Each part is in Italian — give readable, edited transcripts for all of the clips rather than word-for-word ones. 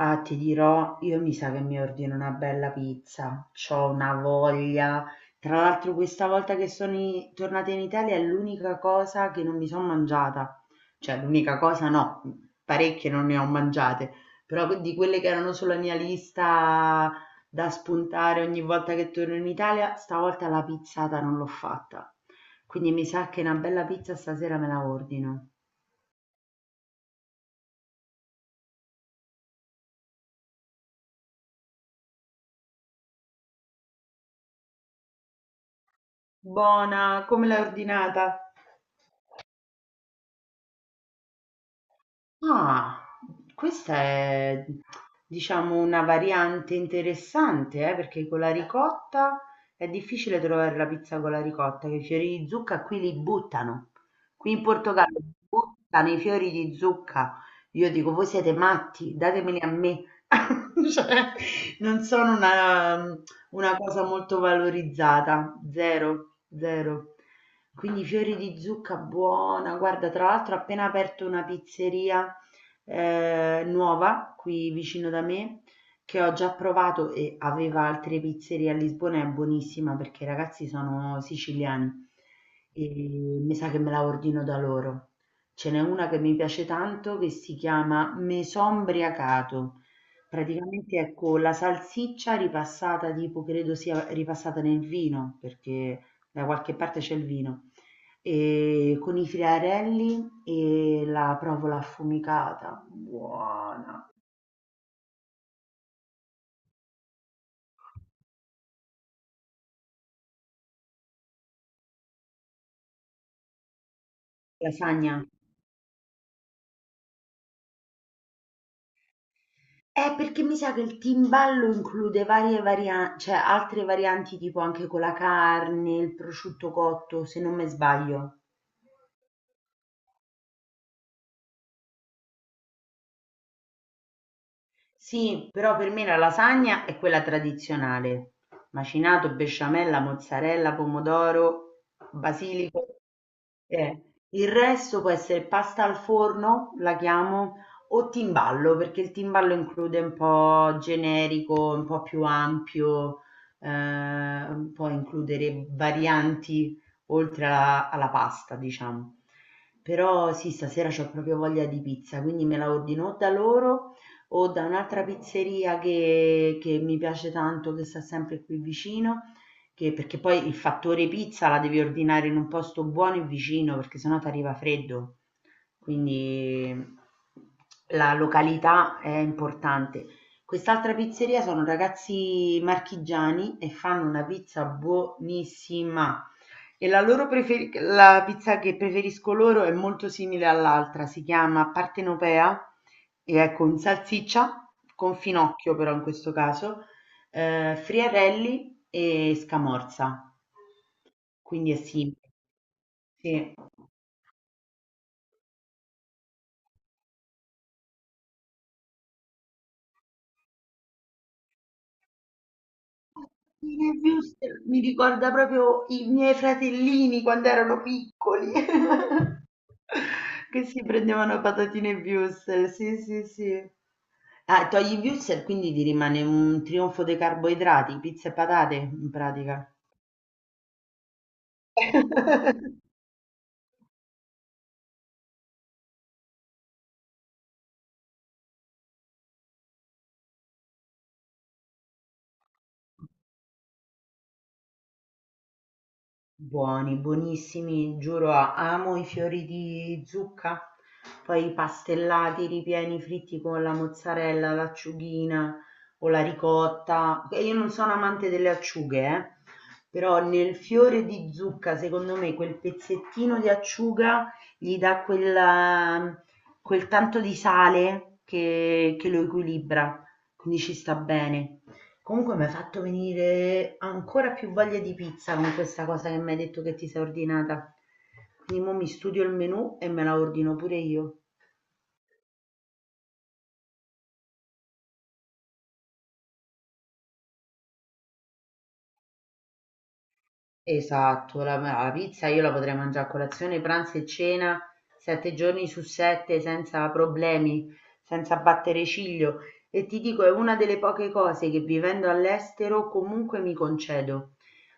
Ah, ti dirò, io mi sa che mi ordino una bella pizza. C'ho una voglia. Tra l'altro, questa volta che tornata in Italia è l'unica cosa che non mi sono mangiata. Cioè, l'unica cosa no, parecchie non ne ho mangiate, però di quelle che erano sulla mia lista da spuntare ogni volta che torno in Italia, stavolta la pizzata non l'ho fatta. Quindi mi sa che una bella pizza stasera me la ordino. Buona, come l'hai ordinata? Ah, questa è diciamo una variante interessante, perché con la ricotta è difficile trovare la pizza con la ricotta, che i fiori di zucca qui li buttano. Qui in Portogallo buttano i fiori di zucca. Io dico, voi siete matti, datemeli a me. Cioè, non sono una cosa molto valorizzata, zero, zero. Quindi fiori di zucca buona, guarda, tra l'altro ho appena aperto una pizzeria nuova qui vicino da me che ho già provato e aveva altre pizzerie a Lisbona, è buonissima perché i ragazzi sono siciliani e mi sa che me la ordino da loro. Ce n'è una che mi piace tanto che si chiama Mesombriacato. Praticamente è con la salsiccia ripassata, tipo credo sia ripassata nel vino, perché da qualche parte c'è il vino e con i friarelli e la provola affumicata, buona. Lasagna. Perché mi sa che il timballo include varie varianti, cioè altre varianti tipo anche con la carne, il prosciutto cotto, se non me sbaglio. Sì, però per me la lasagna è quella tradizionale. Macinato, besciamella, mozzarella, pomodoro, basilico. Eh, Il resto può essere pasta al forno, la chiamo, o timballo, perché il timballo include un po' generico, un po' più ampio, eh, può includere varianti oltre alla pasta, diciamo. Però sì, stasera ho proprio voglia di pizza, quindi me la ordino o da loro o da un'altra pizzeria che mi piace tanto, che sta sempre qui vicino, perché poi il fattore pizza la devi ordinare in un posto buono e vicino, perché sennò ti arriva freddo. Quindi la località è importante. Quest'altra pizzeria sono ragazzi marchigiani e fanno una pizza buonissima. E la pizza che preferisco loro è molto simile all'altra, si chiama partenopea e è con salsiccia, con finocchio però in questo caso, friarelli e scamorza, quindi è simile. Sì. Fine Wurst mi ricorda proprio i miei fratellini quando erano piccoli, che si prendevano patatine e Würstel, sì sì sì. Ah, togli i Würstel, quindi ti rimane un trionfo dei carboidrati, pizza e patate in pratica. Buoni, buonissimi, giuro amo i fiori di zucca, poi i pastellati ripieni fritti con la mozzarella, l'acciugina o la ricotta. E io non sono amante delle acciughe, però nel fiore di zucca secondo me quel pezzettino di acciuga gli da quel tanto di sale che lo equilibra, quindi ci sta bene. Comunque mi hai fatto venire ancora più voglia di pizza con questa cosa che mi hai detto che ti sei ordinata. Quindi mo mi studio il menù e me la ordino pure io. Esatto, la pizza io la potrei mangià a colazione, pranzo e cena 7 giorni su 7 senza problemi, senza battere ciglio e ti dico è una delle poche cose che vivendo all'estero comunque mi concedo.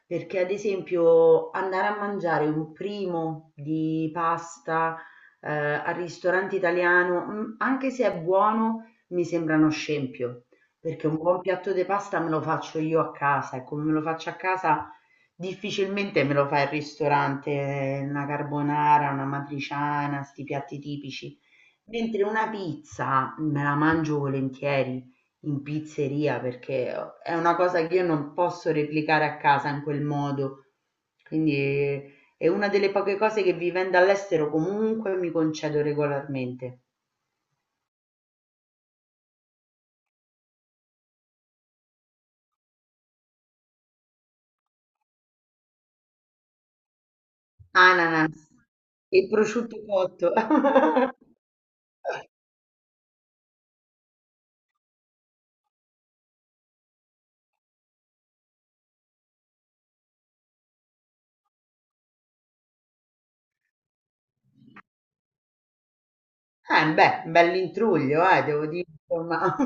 Perché ad esempio andare a mangiare un primo di pasta, al ristorante italiano, mhmm, anche se è buono, mi sembra uno scempio, perché un buon piatto de pasta me lo faccio io a casa e come me lo faccio a casa difficilmente me lo fa il ristorante, una carbonara, un'amatriciana, 'sti piatti tipici, mentre una pizza me la mangio volentieri in pizzeria perché o è una cosa che io non posso replicare a casa in quel modo. Quindi è una delle poche cose che vivendo all'estero comunque mi concedo regolarmente. Ananas e prosciutto cotto. Eh beh, un bell'intruglio devo dire insomma,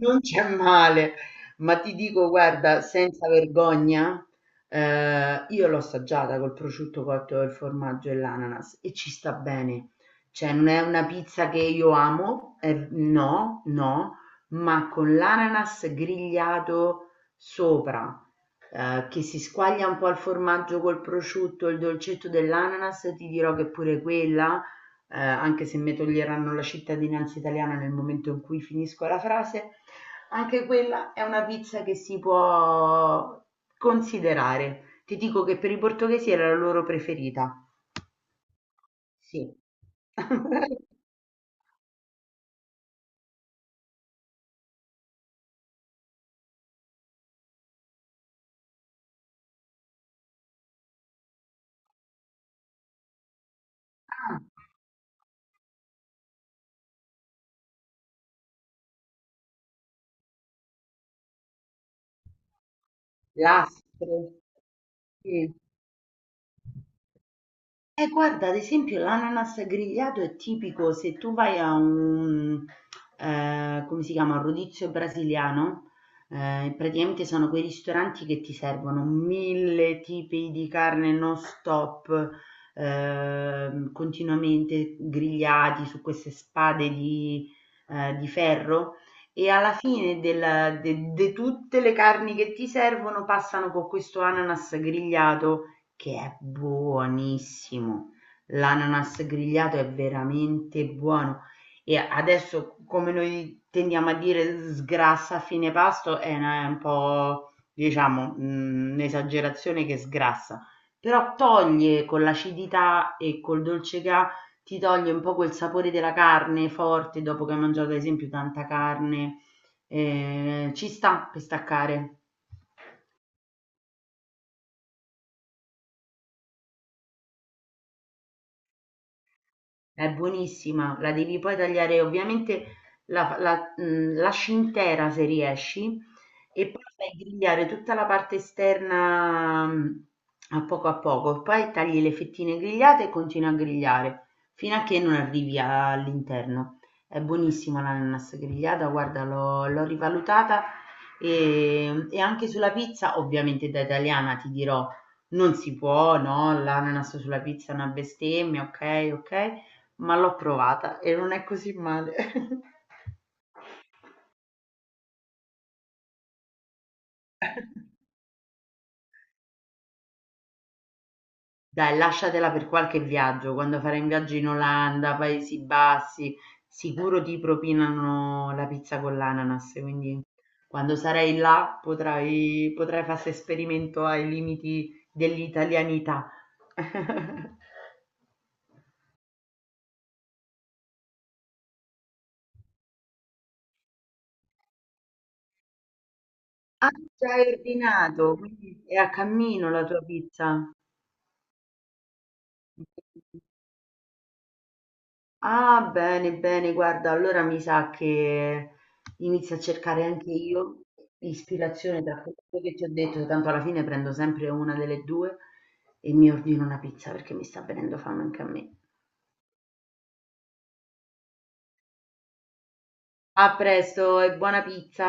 non c'è male. Ma ti dico guarda, senza vergogna, io l'ho assaggiata col prosciutto cotto, il formaggio e l'ananas e ci sta bene. Cioè non è una pizza che io amo, no, no, ma con l'ananas grigliato sopra, che si squaglia un po' il formaggio col prosciutto, il dolcetto dell'ananas, ti dirò che pure quella anche se mi toglieranno la cittadinanza italiana nel momento in cui finisco la frase, anche quella è una pizza che si può considerare. Ti dico che per i portoghesi era la loro preferita. Sì. Ah, lastre. Sì. E guarda, ad esempio l'ananas grigliato è tipico se tu vai a come si chiama, rodizio brasiliano, praticamente sono quei ristoranti che ti servono mille tipi di carne non stop, continuamente grigliati su queste spade di ferro e alla fine del- de de tutte le carni che ti servono passano con questo ananas grigliato che è buonissimo. L'ananas grigliato è veramente buono e adesso come noi tendiamo a dire sgrassa a fine pasto è un po' diciamo un'esagerazione che sgrassa, però toglie con l'acidità e col dolce che ha, ti toglie un po' quel sapore della carne forte dopo che hai mangiato ad esempio tanta carne, eh, ci sta per staccare. È buonissima, la devi poi tagliare ovviamente la mhmm, lasci intera se riesci e poi fai grigliare tutta la parte esterna, mhmm, a poco, poi tagli le fettine grigliate e continui a grigliare fino a che non arrivi all'interno. È buonissima l'ananas grigliata, guarda l'ho rivalutata, e anche sulla pizza, ovviamente da italiana ti dirò, non si può, no, l'ananas sulla pizza è una bestemmia, okay, okay, ma l'ho provata e non è così male. Dai, lasciatela per qualche viaggio, quando farai un viaggio in Olanda, Paesi Bassi, sicuro ti propinano la pizza con l'ananas, quindi quando sarai là potrai fare esperimento ai limiti dell'italianità. Ah, già hai ordinato, quindi è a cammino la tua pizza. Ah, bene, bene, guarda, allora mi sa che inizio a cercare anche io ispirazione tra quello che ti ho detto, tanto alla fine prendo sempre una delle due e mi ordino una pizza perché mi sta venendo fame anche a me. A presto e buona pizza!